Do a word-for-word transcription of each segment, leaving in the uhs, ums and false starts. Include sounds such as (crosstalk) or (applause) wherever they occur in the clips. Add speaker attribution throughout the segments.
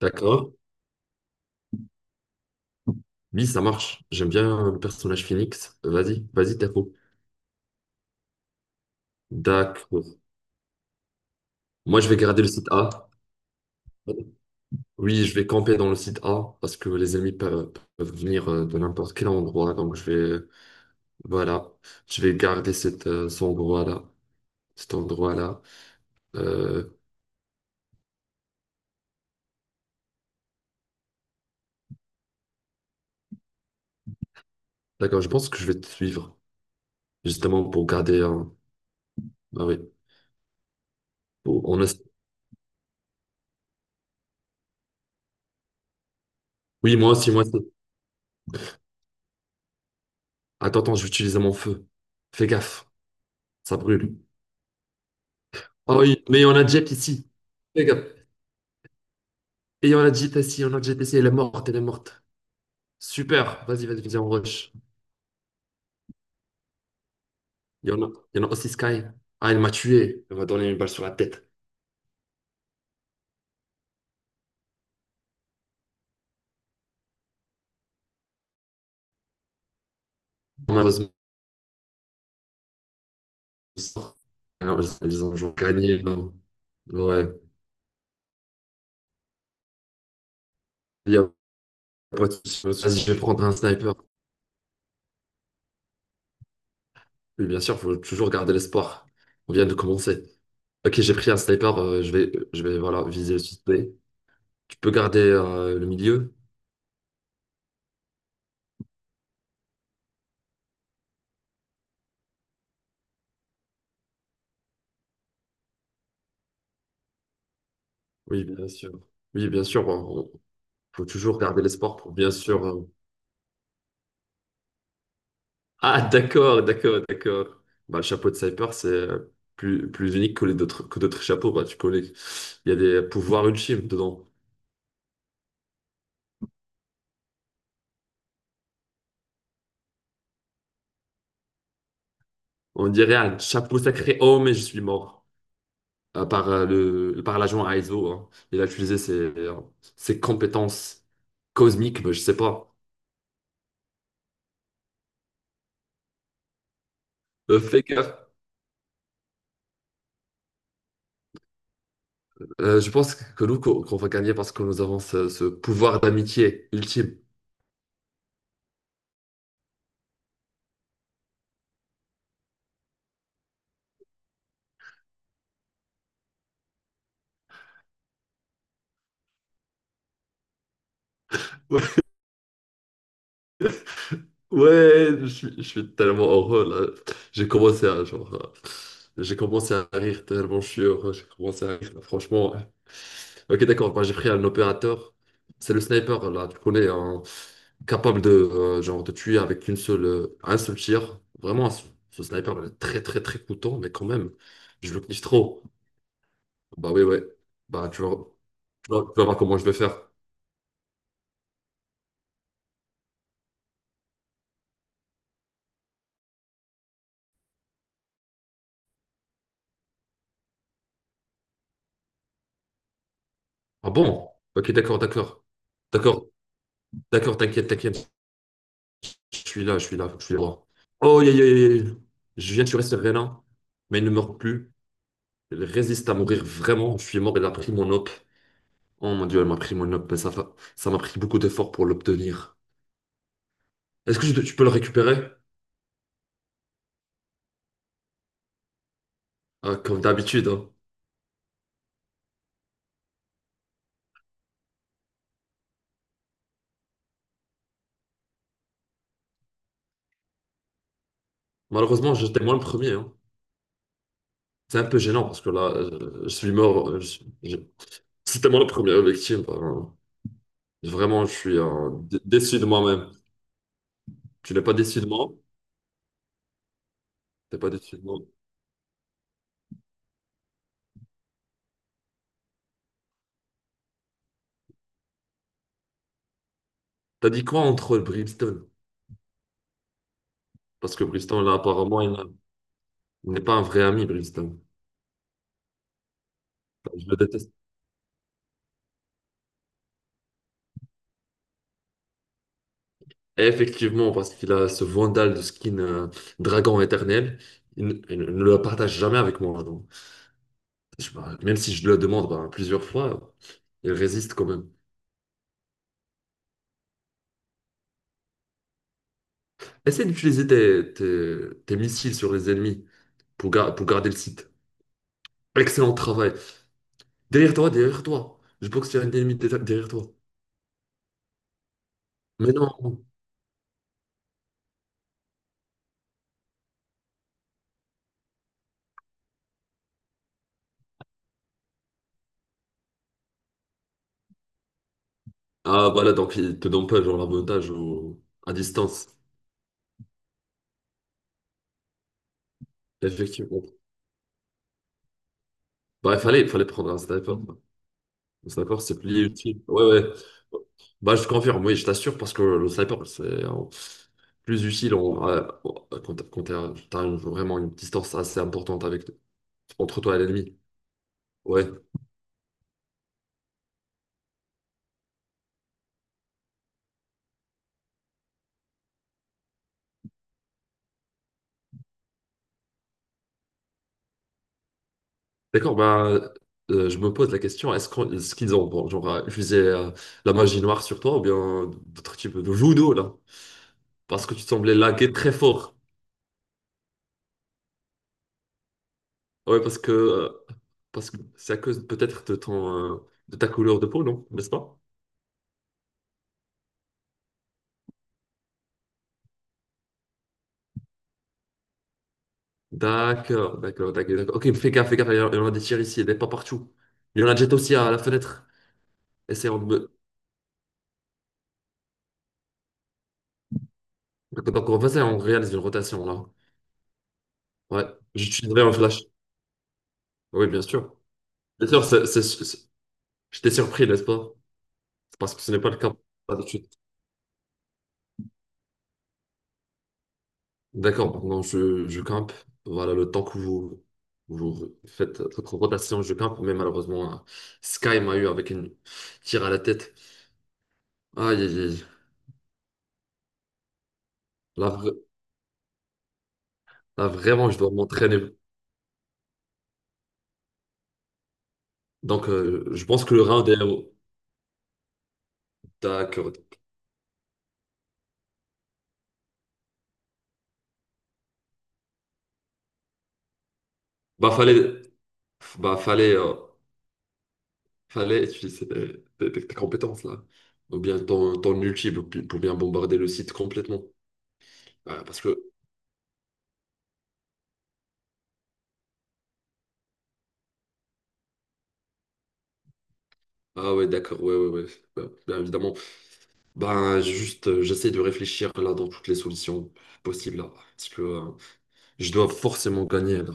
Speaker 1: D'accord. Oui, ça marche. J'aime bien le personnage Phoenix. Vas-y, vas-y, Taco. D'accord. Moi, je vais garder le site A. Oui, je vais camper dans le site A parce que les ennemis peuvent, peuvent venir euh, de n'importe quel endroit. Donc, je vais, voilà, je vais garder cet, euh, cet endroit-là. Cet endroit-là. Euh, d'accord, je pense que je vais te suivre justement pour garder. un- Ah oui. Pour- on a- Oui, moi aussi, moi aussi. Attends, attends, je vais utiliser mon feu. Fais gaffe, ça brûle. Ah oui, mais on a Jep ici. Fais gaffe. Et il y en a de J T C, il y en a de J T C, elle est morte, elle est morte. Super, vas-y, vas-y, viens, on rush. Il y en a, il y en a aussi Sky. Ah, elle m'a tué, elle m'a donné une balle sur la tête. Malheureusement, alors, ils ils ont ils ont gagné. Non. Ouais, il y a pas de souci. Vas-y, je vais prendre un sniper. Oui, bien sûr, il faut toujours garder l'espoir. On vient de commencer. Ok, j'ai pris un sniper, euh, je vais, je vais voilà, viser le suspect. Tu peux garder euh, le milieu? Oui, bien sûr. Oui, bien sûr, il faut toujours garder l'espoir pour bien sûr. euh, Ah, d'accord, d'accord, d'accord. Bah, le chapeau de sniper, c'est euh, plus, plus unique que les d'autres, que d'autres chapeaux, bah, tu connais. Il y a des pouvoirs ultimes dedans. On dirait un chapeau sacré. Oh, mais je suis mort. Euh, par euh, le, par l'agent Aizo, hein. Il a utilisé ses, euh, ses compétences cosmiques, mais je sais pas. Euh, fais gaffe. Euh, je pense que nous, qu'on qu'on va gagner parce que nous avons ce, ce pouvoir d'amitié ultime. (laughs) Ouais, je suis, je suis tellement heureux là. J'ai commencé à genre, euh, j'ai commencé à rire tellement je suis heureux. J'ai commencé à rire. Franchement, ouais. Ok, d'accord. Moi, j'ai pris un opérateur. C'est le sniper là. Tu connais, hein, capable de euh, genre de tuer avec une seule, euh, un seul tir. Vraiment, ce, ce sniper il est très très très coûteux, mais quand même, je le kiffe trop. Bah oui, ouais. Bah tu vas, tu vas, tu vas voir comment je vais faire. Ah bon? Ok, d'accord, d'accord, d'accord, d'accord. T'inquiète, t'inquiète. Je suis là, je suis là, faut que je suis droit. Oh, yeah, yeah, yeah. Yeah. Je viens de tuer Serena, mais elle ne meurt plus. Elle résiste à mourir vraiment. Je suis mort, elle a pris mon op. Oh mon Dieu, elle m'a pris mon op, mais ça fa- ça m'a pris beaucoup d'efforts pour l'obtenir. Est-ce que je- tu peux le récupérer? Ah, comme d'habitude, hein. Malheureusement, j'étais moi le premier, hein. C'est un peu gênant parce que là, euh, je suis mort. euh, je- suis- je- C'était moi la première victime, ben, vraiment, je suis euh, dé- déçu de moi-même. Tu n'es pas déçu de moi? T'es pas déçu de moi. T'as dit quoi entre Brimstone? Parce que Briston, là, apparemment, il n'a- il n'est pas un vrai ami, Briston. Je le déteste. Effectivement, parce qu'il a ce vandal de skin euh, dragon éternel, il, ne il ne le partage jamais avec moi. Donc, je- bah, même si je le demande bah, plusieurs fois, il résiste quand même. Essaie d'utiliser tes, tes- tes missiles sur les ennemis pour, gar- pour garder le site. Excellent travail. Derrière toi, derrière toi. Je pense qu'il y a un ennemi dé- derrière toi. Mais non. Ah, voilà, donc il te donne pas genre l'avantage au- à distance. Effectivement. Bah, il fallait, il fallait prendre un sniper. Le sniper, c'est plus utile. Ouais, ouais. Bah, je confirme, oui, je t'assure, parce que le sniper, c'est euh, plus utile en- euh, quand t'as quand t'as- t'as une- vraiment une distance assez importante avec, entre toi et l'ennemi. Ouais. D'accord, bah, euh, je me pose la question, est-ce qu'on- est-ce qu'ils ont bon, genre, euh, utilisé euh, la magie noire sur toi ou bien d'autres types de judo, là? Parce que tu semblais laguer très fort. Ouais, parce que euh, parce que c'est à cause peut-être de ton euh, de ta couleur de peau, non? N'est-ce pas? D'accord, d'accord, d'accord. D'accord. Ok, fais gaffe, fais gaffe, il y en il y en a des tirs ici, il y en a pas partout. Il y en a jet aussi à la fenêtre. Essayons de... Donc, on va essayer, on réalise une rotation là. Ouais, j'utiliserai un flash. Oui, bien sûr. Bien sûr, c'est, c'est- c'est- je t'ai surpris, n'est-ce pas? C'est parce que ce n'est pas le cas d'habitude. D'accord, maintenant je, je campe. Voilà, le temps que vous, vous faites votre rotation, je campe. Mais malheureusement, hein, Sky m'a eu avec une tire à la tête. Aïe, aïe, aïe. Là, vra- Là, vraiment, je dois m'entraîner. Donc, euh, je pense que le round est... D'accord. Bah, fallait... Bah, fallait, euh, fallait utiliser tes, tes- tes- tes compétences, là. Ou bien ton, ton ulti pour, pour bien bombarder le site complètement. Ah, parce que... Ah ouais, d'accord. Ouais, ouais, ouais. Bah, bien évidemment. Bah, juste, euh, j'essaie de réfléchir, là, dans toutes les solutions possibles, là. Parce que euh, je dois forcément gagner, là.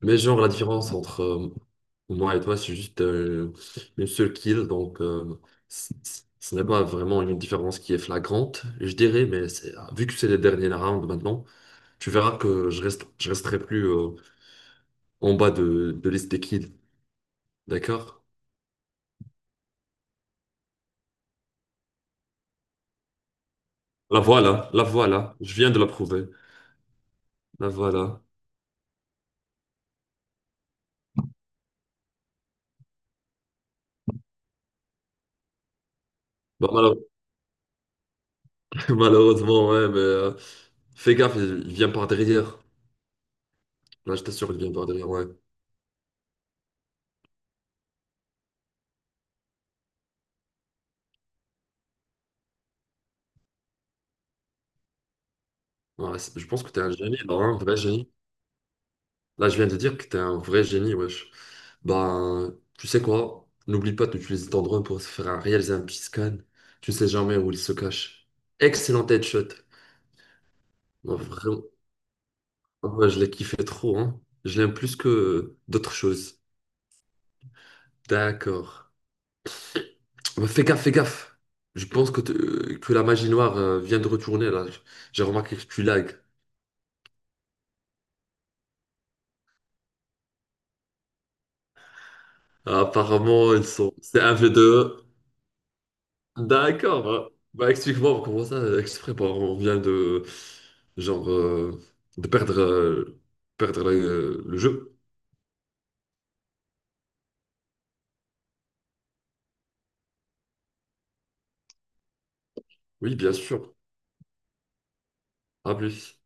Speaker 1: Mais genre, la différence entre euh, moi et toi, c'est juste euh, une seule kill. Donc, euh, c- c- ce n'est pas vraiment une différence qui est flagrante, je dirais. Mais c'est- ah, vu que c'est les derniers rounds maintenant, tu verras que je reste, je resterai plus euh, en bas de, de liste des kills. D'accord? La voilà, la voilà. Je viens de la prouver. La voilà. Bah, malheure- (laughs) malheureusement, ouais, mais euh, fais gaffe, il il vient par derrière. Là, je t'assure, il vient par derrière, ouais. Ouais, c'est- je pense que t'es un génie, là, hein, un vrai génie. Là, je viens de dire que t'es un vrai génie, wesh. Ben, tu sais quoi? N'oublie pas d'utiliser ton drone pour se faire un- réaliser un petit scan. Tu ne sais jamais où il se cache. Excellent headshot. Ben, vraiment, ah ouais, je l'ai kiffé trop, hein. Je l'aime plus que d'autres choses. D'accord. Ben, fais gaffe, fais gaffe. Je pense que, te- que la magie noire euh, vient de retourner, là. J'ai remarqué que tu lags. Apparemment, ils sont... C'est un v deux. D'accord. Bah, bah, explique-moi comment ça, euh, exprès, bah, on vient de genre euh, de perdre euh, perdre euh, le jeu. Oui, bien sûr. À plus.